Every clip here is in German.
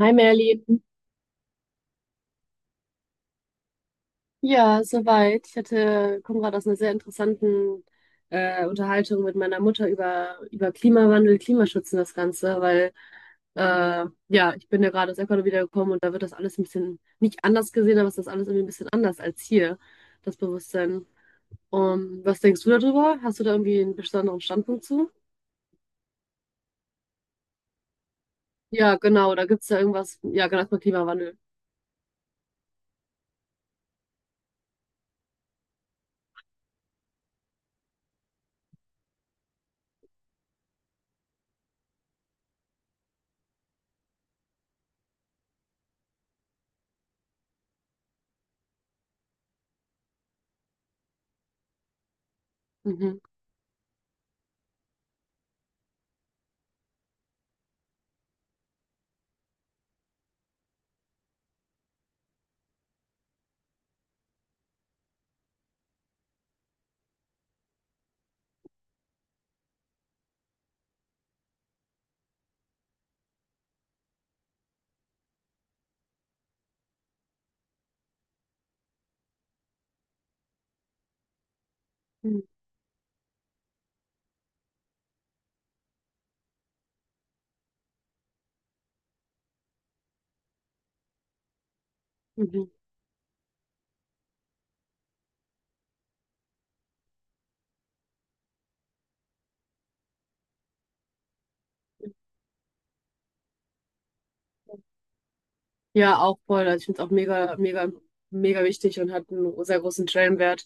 Hi Merlin. Ja, soweit. Ich hatte, komme gerade aus einer sehr interessanten Unterhaltung mit meiner Mutter über, über Klimawandel, Klimaschutz und das Ganze, weil ja, ich bin ja gerade aus Ecuador wiedergekommen und da wird das alles ein bisschen nicht anders gesehen, aber es ist alles irgendwie ein bisschen anders als hier, das Bewusstsein. Was denkst du darüber? Hast du da irgendwie einen besonderen Standpunkt zu? Ja, genau, da gibt es ja irgendwas. Ja, genau, erstmal Klimawandel. Mhm. Mhm. Mhm. Ja, auch voll. Also ich finde es auch mega, mega, mega wichtig und hat einen sehr großen Stellenwert.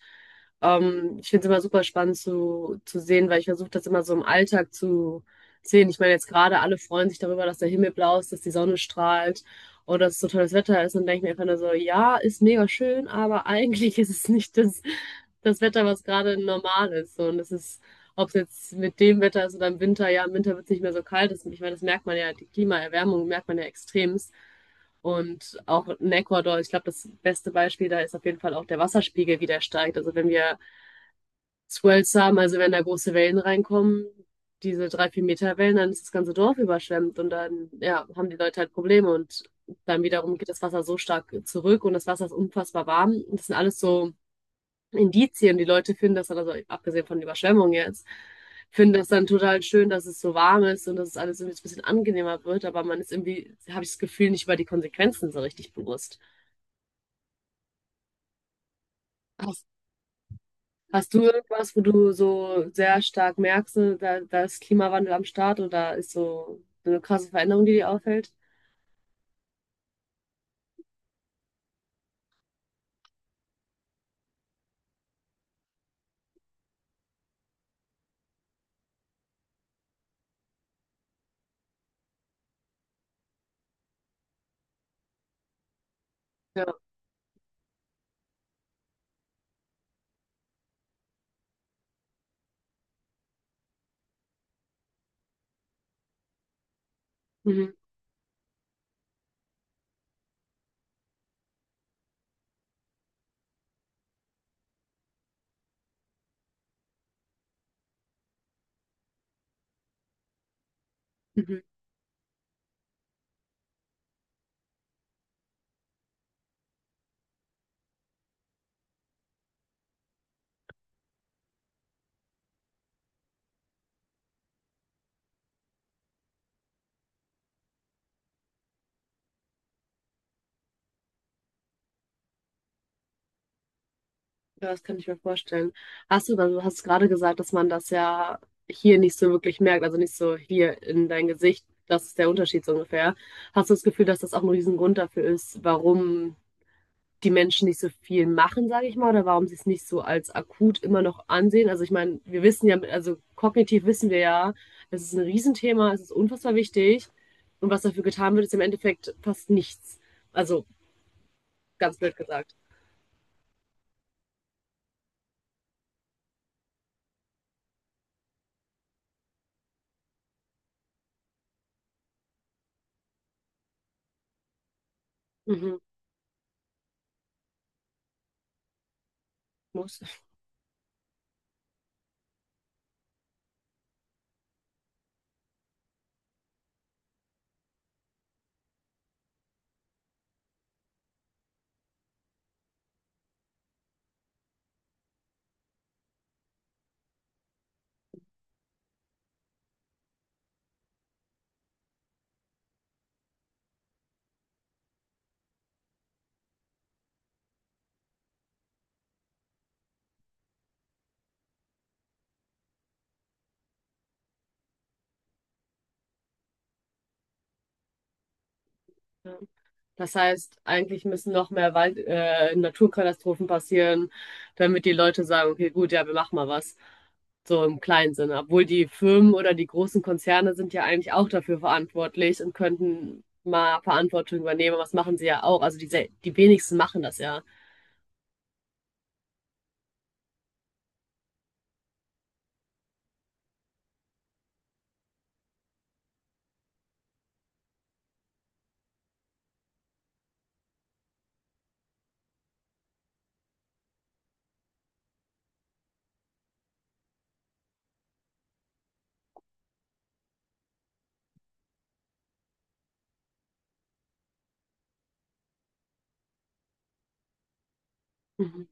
Ich finde es immer super spannend zu sehen, weil ich versuche das immer so im Alltag zu sehen. Ich meine, jetzt gerade alle freuen sich darüber, dass der Himmel blau ist, dass die Sonne strahlt und dass es so tolles Wetter ist. Und denke ich mir einfach nur so, ja, ist mega schön, aber eigentlich ist es nicht das Wetter, was gerade normal ist. So, und es ist, ob es jetzt mit dem Wetter ist oder im Winter, ja, im Winter wird es nicht mehr so kalt. Das, ich meine, das merkt man ja, die Klimaerwärmung merkt man ja extremst. Und auch in Ecuador, ich glaube, das beste Beispiel da ist auf jeden Fall auch der Wasserspiegel, wie der steigt. Also wenn wir Swells haben, also wenn da große Wellen reinkommen, diese drei, vier Meter Wellen, dann ist das ganze Dorf überschwemmt und dann, ja, haben die Leute halt Probleme und dann wiederum geht das Wasser so stark zurück und das Wasser ist unfassbar warm. Das sind alles so Indizien, die Leute finden das dann, also abgesehen von der Überschwemmung jetzt, finden das dann total schön, dass es so warm ist und dass es alles irgendwie ein bisschen angenehmer wird, aber man ist irgendwie, habe ich das Gefühl, nicht über die Konsequenzen so richtig bewusst. Hast, hast du irgendwas, wo du so sehr stark merkst, ne, da ist Klimawandel am Start oder ist so eine krasse Veränderung, die dir auffällt? Ja. Mhm. Mhm. Ja, das kann ich mir vorstellen. Hast du, weil du hast gerade gesagt, dass man das ja hier nicht so wirklich merkt, also nicht so hier in dein Gesicht, das ist der Unterschied so ungefähr. Hast du das Gefühl, dass das auch ein Riesengrund dafür ist, warum die Menschen nicht so viel machen, sage ich mal, oder warum sie es nicht so als akut immer noch ansehen. Also ich meine, wir wissen ja, also kognitiv wissen wir ja, es ist ein Riesenthema, es ist unfassbar wichtig und was dafür getan wird, ist im Endeffekt fast nichts. Also ganz blöd gesagt. Mhm. Muss. Ja. Das heißt, eigentlich müssen noch mehr Wald, Naturkatastrophen passieren, damit die Leute sagen, okay, gut, ja, wir machen mal was. So im kleinen Sinne. Obwohl die Firmen oder die großen Konzerne sind ja eigentlich auch dafür verantwortlich und könnten mal Verantwortung übernehmen. Was machen sie ja auch? Also die, die wenigsten machen das ja. Mhm.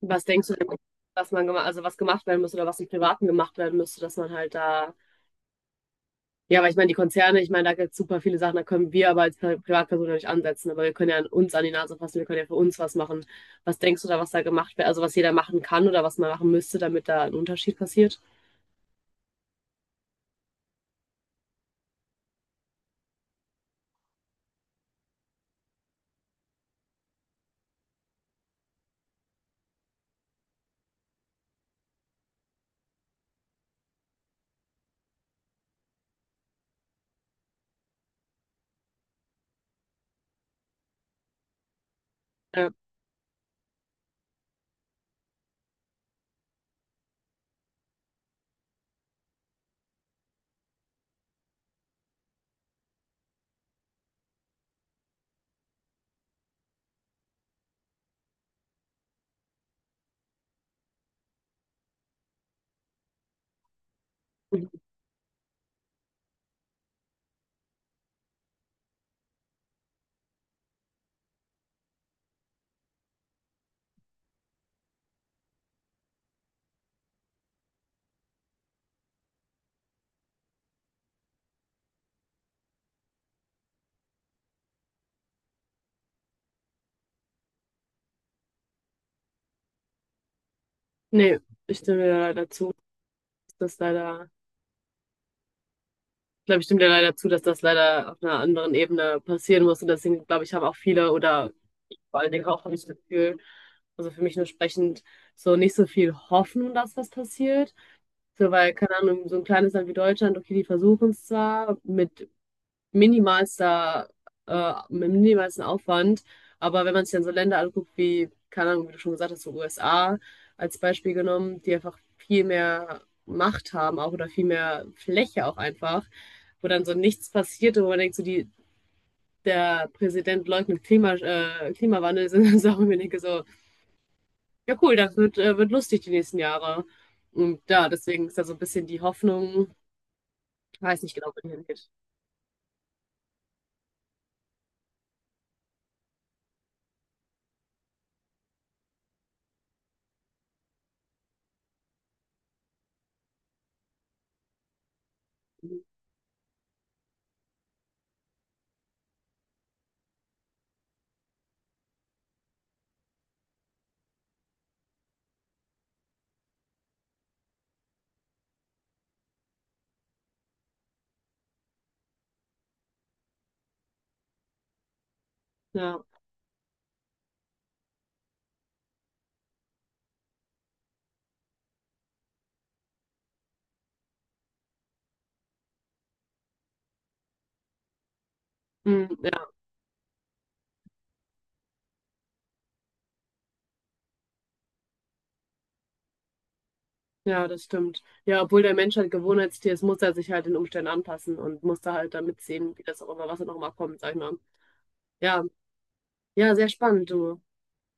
Was denkst du denn, was man gemacht, also was gemacht werden müsste oder was im Privaten gemacht werden müsste, dass man halt da ja, aber ich meine, die Konzerne, ich meine, da gibt es super viele Sachen, da können wir aber als Privatperson ja nicht ansetzen, aber wir können ja an uns an die Nase fassen, wir können ja für uns was machen. Was denkst du da, was da gemacht wird, also was jeder machen kann oder was man machen müsste, damit da ein Unterschied passiert? Ja. Mhm. Nee, ich stimme dir leider zu, dass das ich glaube, ich stimme dir leider zu, dass das leider auf einer anderen Ebene passieren muss und deswegen, glaube ich, haben auch viele oder vor allen Dingen auch habe ich das Gefühl, also für mich nur sprechend, so nicht so viel Hoffnung, dass was passiert. So, weil, keine Ahnung, so ein kleines Land wie Deutschland, okay, die versuchen es zwar mit minimalster, mit minimalstem Aufwand, aber wenn man sich dann so Länder anguckt wie, keine Ahnung, wie du schon gesagt hast, so USA als Beispiel genommen, die einfach viel mehr Macht haben auch oder viel mehr Fläche auch einfach, wo dann so nichts passiert und wo man denkt, so die, der Präsident leugnet Klimawandel, sind dann Sachen, wo ich denke, so, ja cool, das wird lustig die nächsten Jahre. Und ja, deswegen ist da so ein bisschen die Hoffnung, weiß nicht genau, wohin er geht. Ja. Mm, ja, ja, das stimmt. Ja, obwohl der Mensch halt Gewohnheitstier ist, muss er sich halt den Umständen anpassen und muss da halt damit sehen, wie das auch immer, was da noch mal kommt, sag ich mal. Ja, ja, sehr spannend, du.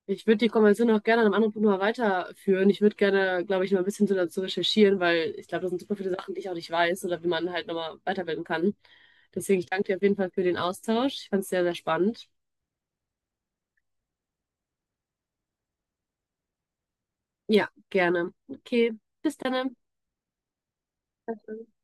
Ich würde die Konversation auch gerne an einem anderen Punkt mal weiterführen. Ich würde gerne, glaube ich, noch ein bisschen so dazu recherchieren, weil ich glaube, das sind super viele Sachen, die ich auch nicht weiß oder wie man halt nochmal weiterbilden kann. Deswegen, ich danke dir auf jeden Fall für den Austausch. Ich fand es sehr, sehr spannend. Ja, gerne. Okay, bis dann. Danke.